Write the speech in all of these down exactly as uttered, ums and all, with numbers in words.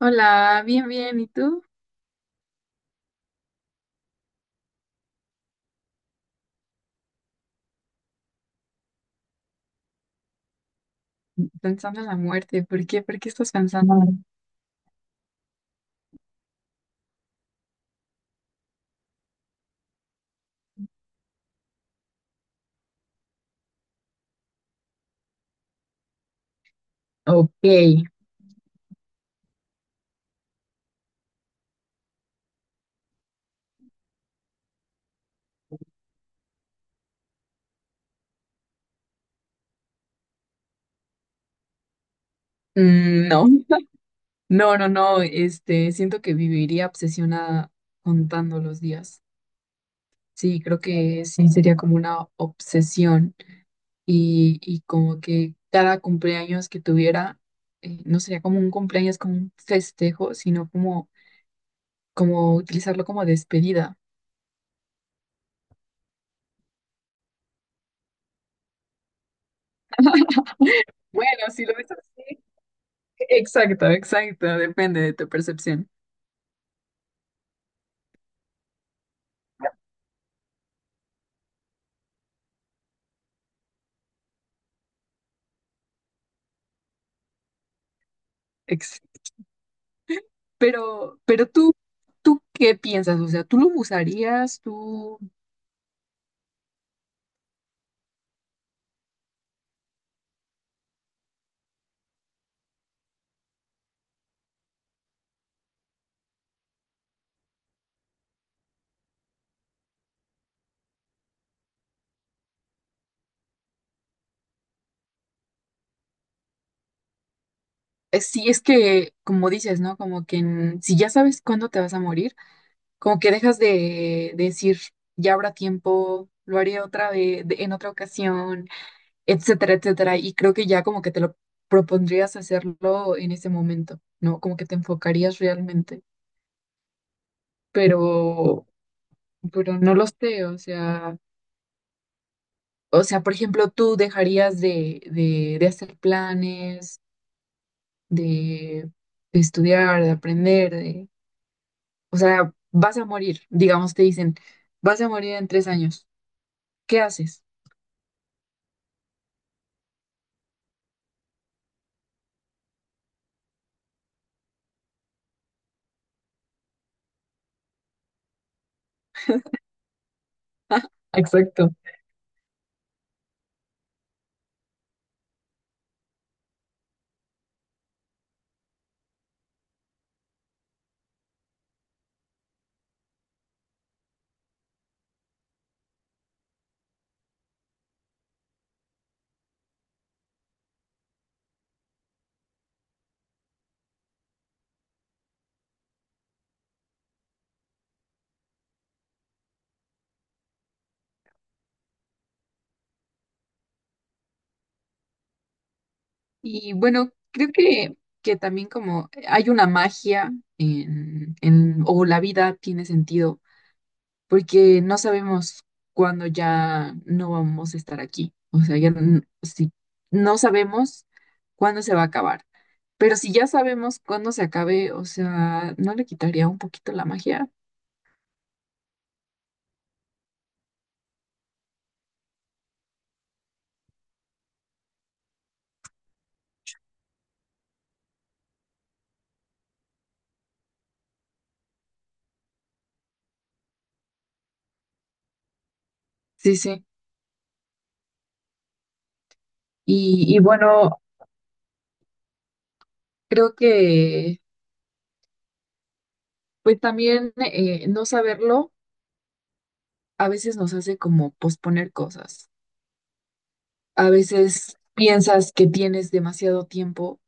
Hola, bien, bien. ¿Y tú? Pensando en la muerte. ¿Por qué? ¿Por qué estás pensando? Ah, ok. Mm, no, no, no, no. Este, siento que viviría obsesionada contando los días. Sí, creo que sí sería como una obsesión. Y, y como que cada cumpleaños que tuviera, eh, no sería como un cumpleaños, como un festejo, sino como, como utilizarlo como despedida. Bueno, si lo ves así. Exacto, exacto. Depende de tu percepción. Pero, pero tú, ¿tú qué piensas? O sea, ¿tú lo usarías? ¿Tú, eh, si es que, como dices, ¿no? Como que en- si ya sabes cuándo te vas a morir, como que dejas de, de decir, ya habrá tiempo, lo haré otra vez, de- en otra ocasión, etcétera, etcétera. Y creo que ya como que te lo propondrías hacerlo en ese momento, ¿no? Como que te enfocarías realmente. Pero, pero no lo sé, o sea. O sea, por ejemplo, tú dejarías de, de, de hacer planes, de, de estudiar, de aprender, de, o sea, vas a morir, digamos, te dicen, vas a morir en tres años. ¿Qué haces? Exacto. Y bueno, creo que, que también como hay una magia en, en, o la vida tiene sentido, porque no sabemos cuándo ya no vamos a estar aquí. O sea, ya n- si no sabemos cuándo se va a acabar. Pero si ya sabemos cuándo se acabe, o sea, ¿no le quitaría un poquito la magia? Sí, sí. Y, y bueno, creo que pues también eh, no saberlo a veces nos hace como posponer cosas. A veces piensas que tienes demasiado tiempo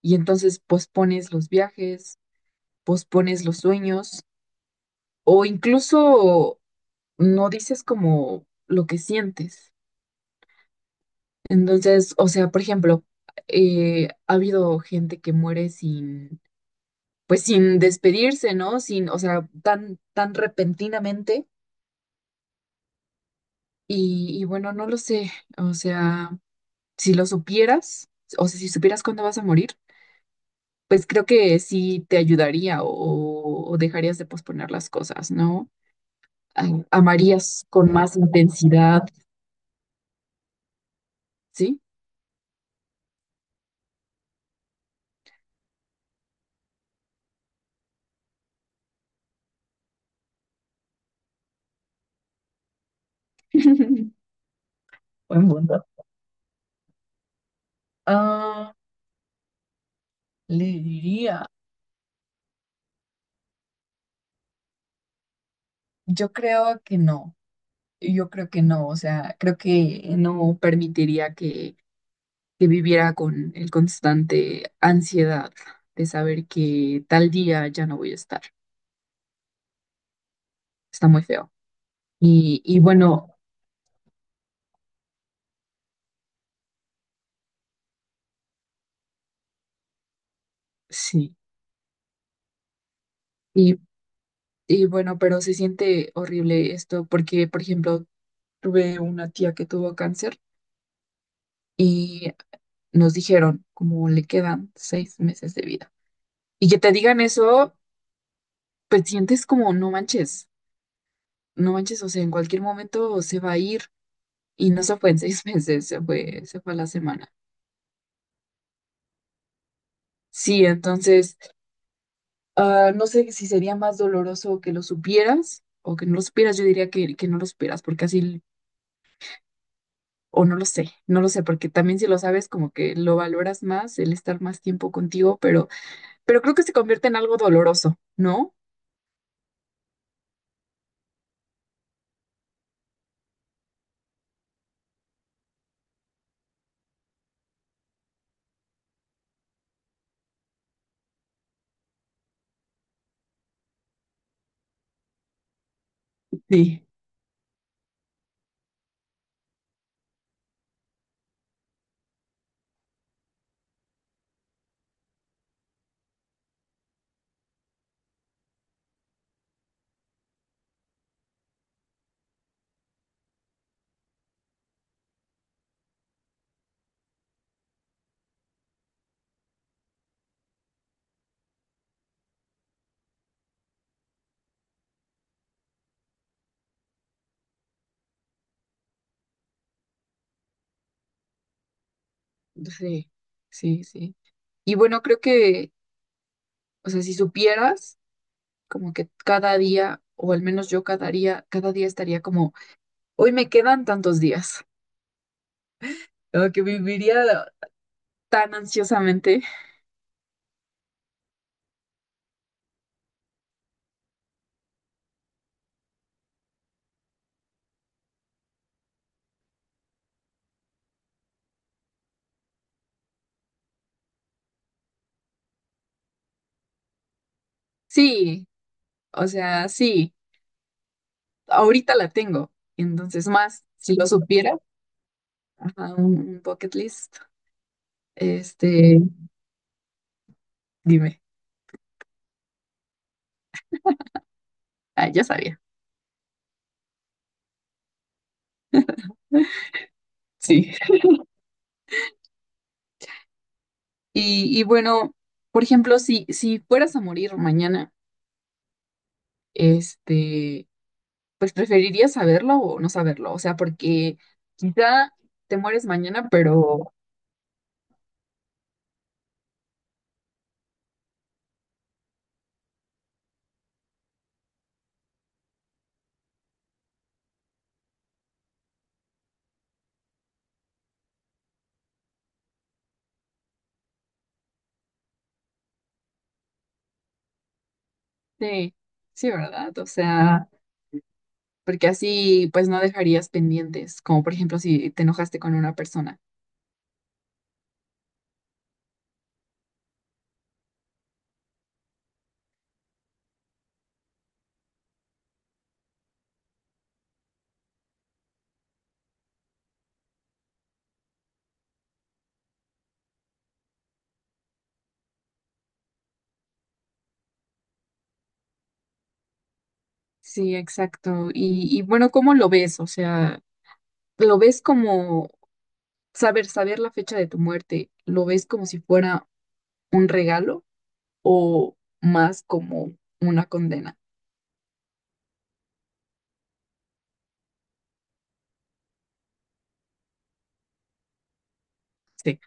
y entonces pospones los viajes, pospones los sueños o incluso no dices como lo que sientes. Entonces, o sea, por ejemplo, eh, ha habido gente que muere sin, pues sin despedirse, ¿no? Sin, o sea, tan, tan repentinamente. Y, y bueno, no lo sé, o sea, si lo supieras, o sea, si supieras cuándo vas a morir, pues creo que sí te ayudaría o, o dejarías de posponer las cosas, ¿no? Ay, amarías con más intensidad, ¿sí? Buen punto. Ah, le diría, yo creo que no, yo creo que no, o sea, creo que no permitiría que, que viviera con el constante ansiedad de saber que tal día ya no voy a estar. Está muy feo. Y, y bueno, sí, y, y bueno, pero se siente horrible esto porque, por ejemplo, tuve una tía que tuvo cáncer y nos dijeron como le quedan seis meses de vida. Y que te digan eso, pues sientes como no manches, no manches, o sea, en cualquier momento se va a ir y no se fue en seis meses, se fue, se fue a la semana. Sí, entonces, ah, no sé si sería más doloroso que lo supieras o que no lo supieras, yo diría que, que no lo supieras, porque así. O no lo sé, no lo sé, porque también si lo sabes, como que lo valoras más, el estar más tiempo contigo, pero, pero, creo que se convierte en algo doloroso, ¿no? Sí, sí, sí, sí. Y bueno, creo que, o sea, si supieras, como que cada día, o al menos yo cada día, cada día estaría como, hoy me quedan tantos días, o que viviría tan ansiosamente. Sí, o sea, sí, ahorita la tengo, entonces más, si lo supiera, ajá, un un bucket list. Este, dime. Ah, ya sabía. Sí. Y, y bueno, por ejemplo, si, si fueras a morir mañana, este, pues preferirías saberlo o no saberlo. O sea, porque quizá te mueres mañana, pero sí, sí, ¿verdad? O sea, porque así pues no dejarías pendientes, como por ejemplo si te enojaste con una persona. Sí, exacto. Y, y bueno, ¿cómo lo ves? O sea, ¿lo ves como saber, saber la fecha de tu muerte? ¿Lo ves como si fuera un regalo o más como una condena? Sí,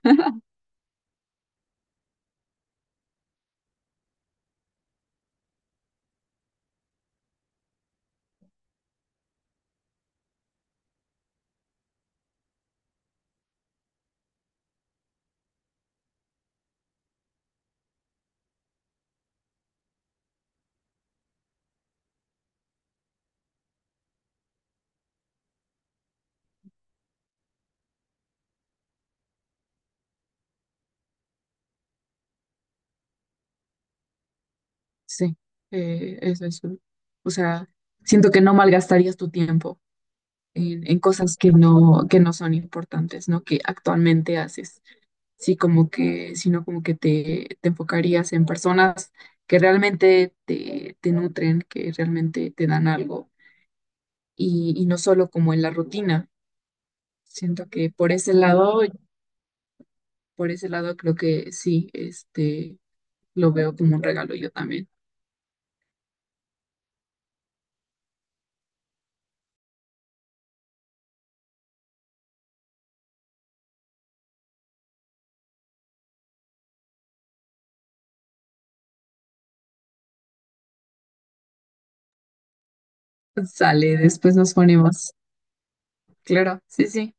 sí, eh, eso es. un- O sea, siento que no malgastarías tu tiempo en, en cosas que no, que no son importantes, ¿no? Que actualmente haces. Sí, como que, sino como que te, te enfocarías en personas que realmente te, te nutren, que realmente te dan algo y, y no solo como en la rutina. Siento que por ese lado, por ese lado creo que sí, este lo veo como un regalo yo también. Sale, después nos ponemos. Claro, sí, sí.